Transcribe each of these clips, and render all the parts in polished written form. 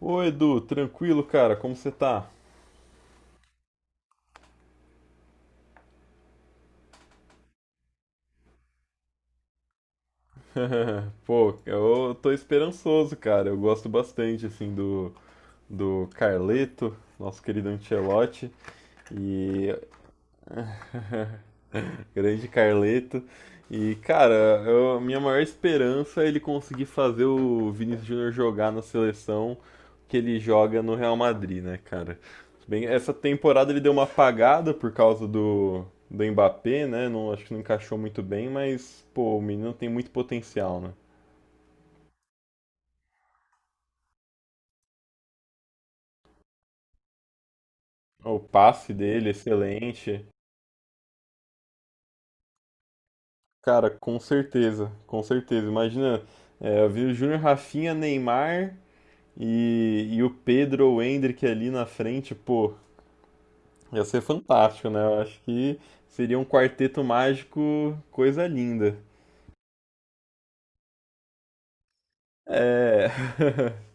Ô Edu, tranquilo, cara, como você tá? Pô, eu tô esperançoso, cara. Eu gosto bastante, assim, do Carleto, nosso querido Ancelotti. E grande Carleto. E, cara, a minha maior esperança é ele conseguir fazer o Vinícius Júnior jogar na seleção que ele joga no Real Madrid, né, cara? Bem, essa temporada ele deu uma apagada por causa do Mbappé, né? Não, acho que não encaixou muito bem, mas, pô, o menino tem muito potencial, né? O passe dele, excelente. Cara, com certeza, com certeza. Imagina, é, eu vi o Júnior Rafinha, Neymar, e o Pedro ou o Hendrick ali na frente, pô, ia ser fantástico, né? Eu acho que seria um quarteto mágico, coisa linda. É.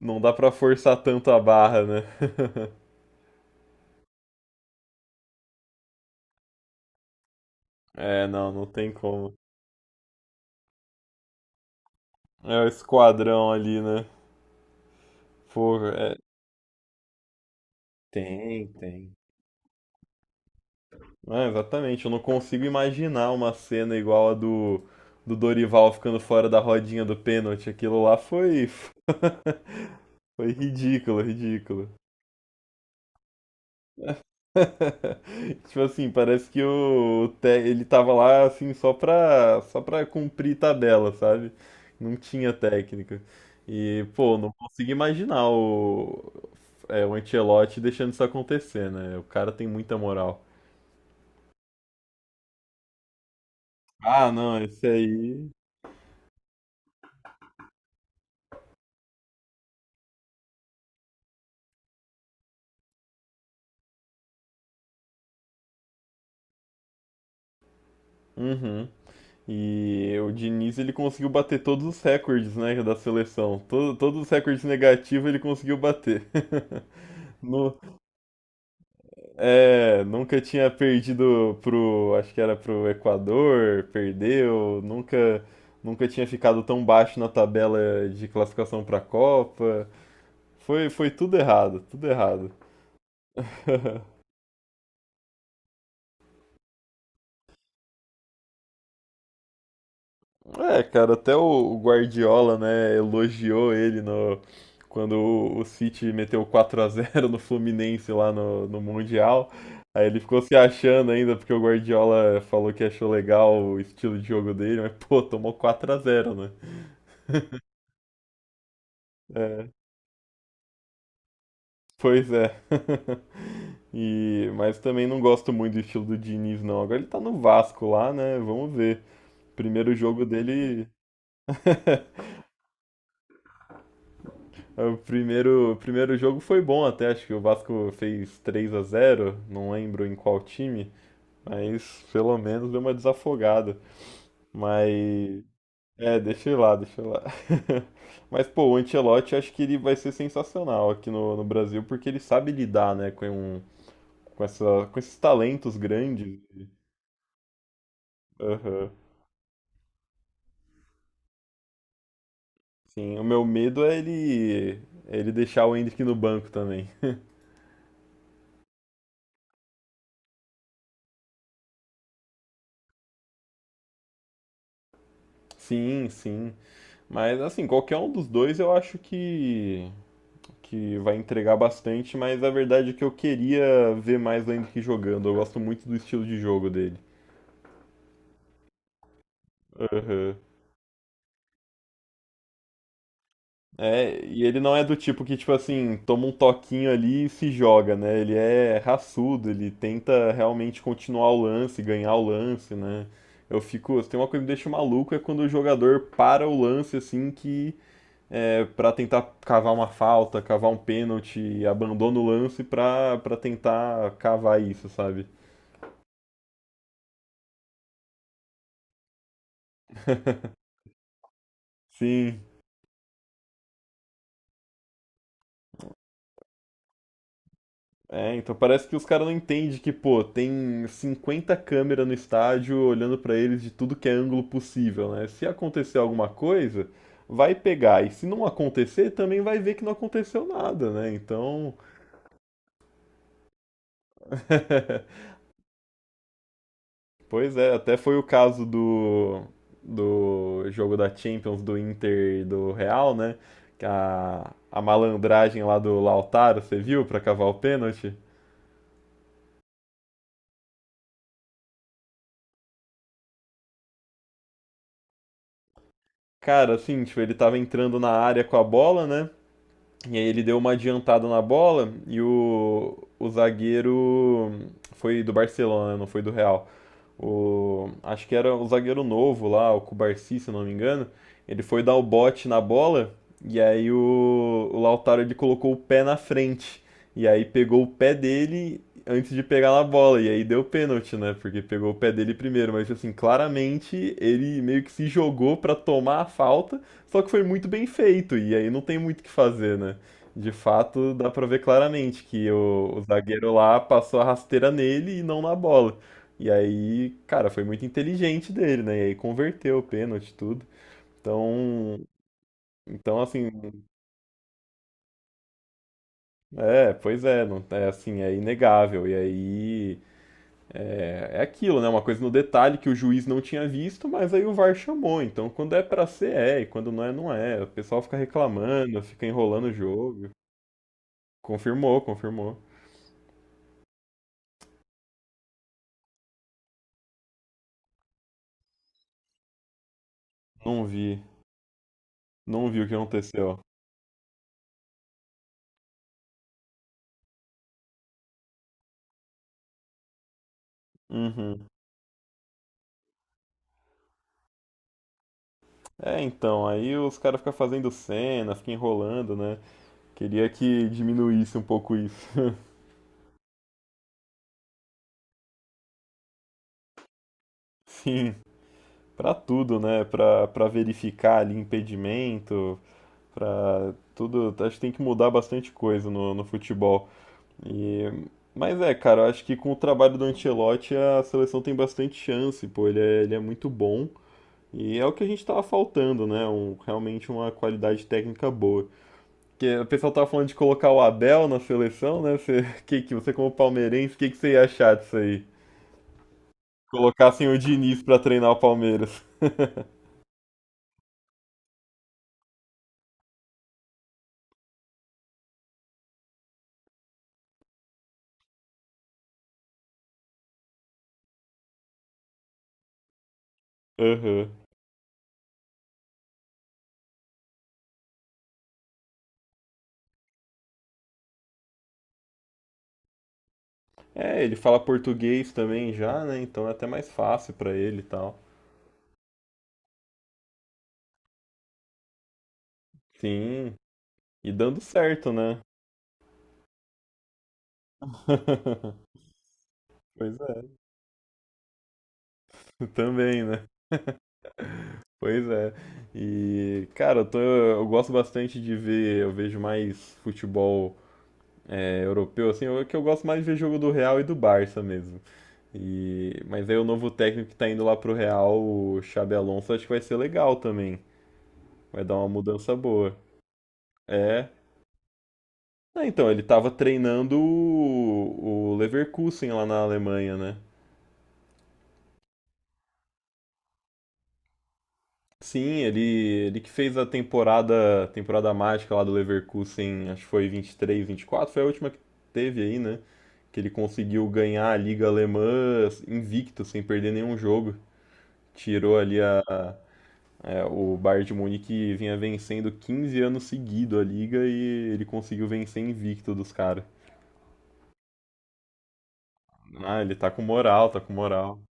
Não dá pra forçar tanto a barra, né? É, não, não tem como. É o esquadrão ali, né? Pô, é. Tem, tem. É, exatamente, eu não consigo imaginar uma cena igual a do Dorival ficando fora da rodinha do pênalti. Aquilo lá foi ridículo, ridículo. Tipo assim, parece que o ele tava lá assim só só pra cumprir tabela, sabe? Não tinha técnica. E, pô, não consigo imaginar é, o Ancelotti deixando isso acontecer, né? O cara tem muita moral. Ah, não, esse aí. Uhum. E o Diniz ele conseguiu bater todos os recordes, né, da seleção. Todos os recordes negativos ele conseguiu bater. No- É, nunca tinha perdido pro, acho que era pro Equador, perdeu, nunca tinha ficado tão baixo na tabela de classificação pra Copa. Foi, foi tudo errado, tudo errado. É, cara, até o Guardiola, né, elogiou ele no quando o City meteu 4 a zero no Fluminense lá no Mundial. Aí ele ficou se achando ainda porque o Guardiola falou que achou legal o estilo de jogo dele, mas pô, tomou 4 a zero, né? É, pois é. E, mas também não gosto muito do estilo do Diniz, não. Agora ele tá no Vasco lá, né? Vamos ver. Primeiro jogo dele. O primeiro jogo foi bom até, acho que o Vasco fez 3 a zero, não lembro em qual time, mas pelo menos deu uma desafogada. Mas é, deixa eu ir lá. Mas pô, o Ancelotti acho que ele vai ser sensacional aqui no Brasil porque ele sabe lidar, né, com com esses talentos grandes. Aham. Sim, o meu medo é ele deixar o Hendrick no banco também. Sim, sim. Mas assim, qualquer um dos dois eu acho que vai entregar bastante, mas a verdade é que eu queria ver mais o Hendrick jogando. Eu gosto muito do estilo de jogo dele. Aham. É, e ele não é do tipo que, tipo assim, toma um toquinho ali e se joga, né? Ele é raçudo, ele tenta realmente continuar o lance, ganhar o lance, né? Eu fico, tem uma coisa que me deixa maluco é quando o jogador para o lance assim que é para tentar cavar uma falta, cavar um pênalti, abandona o lance pra para tentar cavar isso, sabe? Sim. É, então parece que os caras não entendem que, pô, tem 50 câmeras no estádio olhando pra eles de tudo que é ângulo possível, né? Se acontecer alguma coisa, vai pegar. E se não acontecer, também vai ver que não aconteceu nada, né? Então, pois é, até foi o caso do jogo da Champions do Inter e do Real, né? Que a malandragem lá do Lautaro, você viu, pra cavar o pênalti? Cara, assim, tipo, ele tava entrando na área com a bola, né? E aí ele deu uma adiantada na bola e o zagueiro foi do Barcelona, não foi do Real. O, acho que era o zagueiro novo lá, o Cubarsi, se não me engano. Ele foi dar o bote na bola e aí o Lautaro ele colocou o pé na frente. E aí pegou o pé dele antes de pegar na bola. E aí deu pênalti, né? Porque pegou o pé dele primeiro. Mas assim, claramente ele meio que se jogou pra tomar a falta, só que foi muito bem feito. E aí não tem muito o que fazer, né? De fato, dá pra ver claramente que o zagueiro lá passou a rasteira nele e não na bola. E aí, cara, foi muito inteligente dele, né? E aí converteu o pênalti, tudo. Então, então assim, é, pois é, não, é assim, é inegável. E aí é, é aquilo, né? Uma coisa no detalhe que o juiz não tinha visto, mas aí o VAR chamou. Então, quando é pra ser, é, e quando não é, não é. O pessoal fica reclamando, fica enrolando o jogo. Confirmou, confirmou. Não vi, não vi o que aconteceu. Uhum. É, então, aí os caras ficam fazendo cena, ficam enrolando, né? Queria que diminuísse um pouco isso. Sim, pra tudo, né? Pra verificar ali impedimento, pra tudo. Acho que tem que mudar bastante coisa no futebol. E, mas é, cara, eu acho que com o trabalho do Ancelotti a seleção tem bastante chance, pô. Ele é muito bom e é o que a gente tava faltando, né? Um, realmente uma qualidade técnica boa. Que o pessoal tava falando de colocar o Abel na seleção, né? Você, que você como palmeirense, que você ia achar disso aí? Colocassem o Diniz pra treinar o Palmeiras. Aham. É, ele fala português também já, né? Então é até mais fácil pra ele e tal. Sim, e dando certo, né? Pois é, também, né? Pois é. E, cara, eu gosto bastante de ver, eu vejo mais futebol é, europeu, assim, que eu gosto mais de ver jogo do Real e do Barça mesmo. E... mas aí o novo técnico que tá indo lá pro Real, o Xabi Alonso, acho que vai ser legal também. Vai dar uma mudança boa. É. Ah, então, ele tava treinando o Leverkusen lá na Alemanha, né? Sim, ele que fez a temporada, temporada mágica lá do Leverkusen, acho que foi vinte vinte e três, vinte e quatro, foi a última que teve aí, né? Que ele conseguiu ganhar a Liga Alemã assim, invicto, sem perder nenhum jogo. Tirou ali a, é, o Bayern de Munique vinha vencendo 15 anos seguido a liga e ele conseguiu vencer invicto dos caras. Ah, ele tá com moral, tá com moral.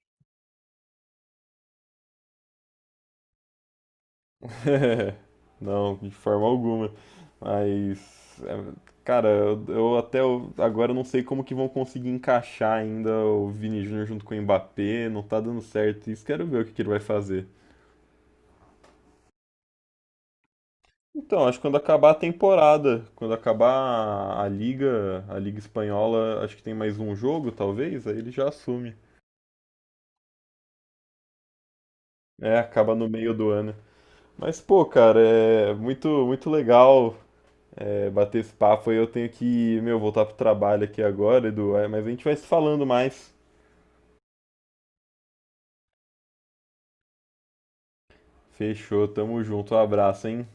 Não, de forma alguma. Mas, é, cara, eu até agora não sei como que vão conseguir encaixar ainda o Vini Júnior junto com o Mbappé, não tá dando certo isso, quero ver o que que ele vai fazer. Então, acho que quando acabar a temporada, quando acabar a liga espanhola, acho que tem mais um jogo, talvez, aí ele já assume. É, acaba no meio do ano. Mas, pô, cara, é muito legal é, bater esse papo. Aí. Eu tenho que, meu, voltar pro trabalho aqui agora, Edu. É, mas a gente vai se falando mais. Fechou, tamo junto. Um abraço, hein?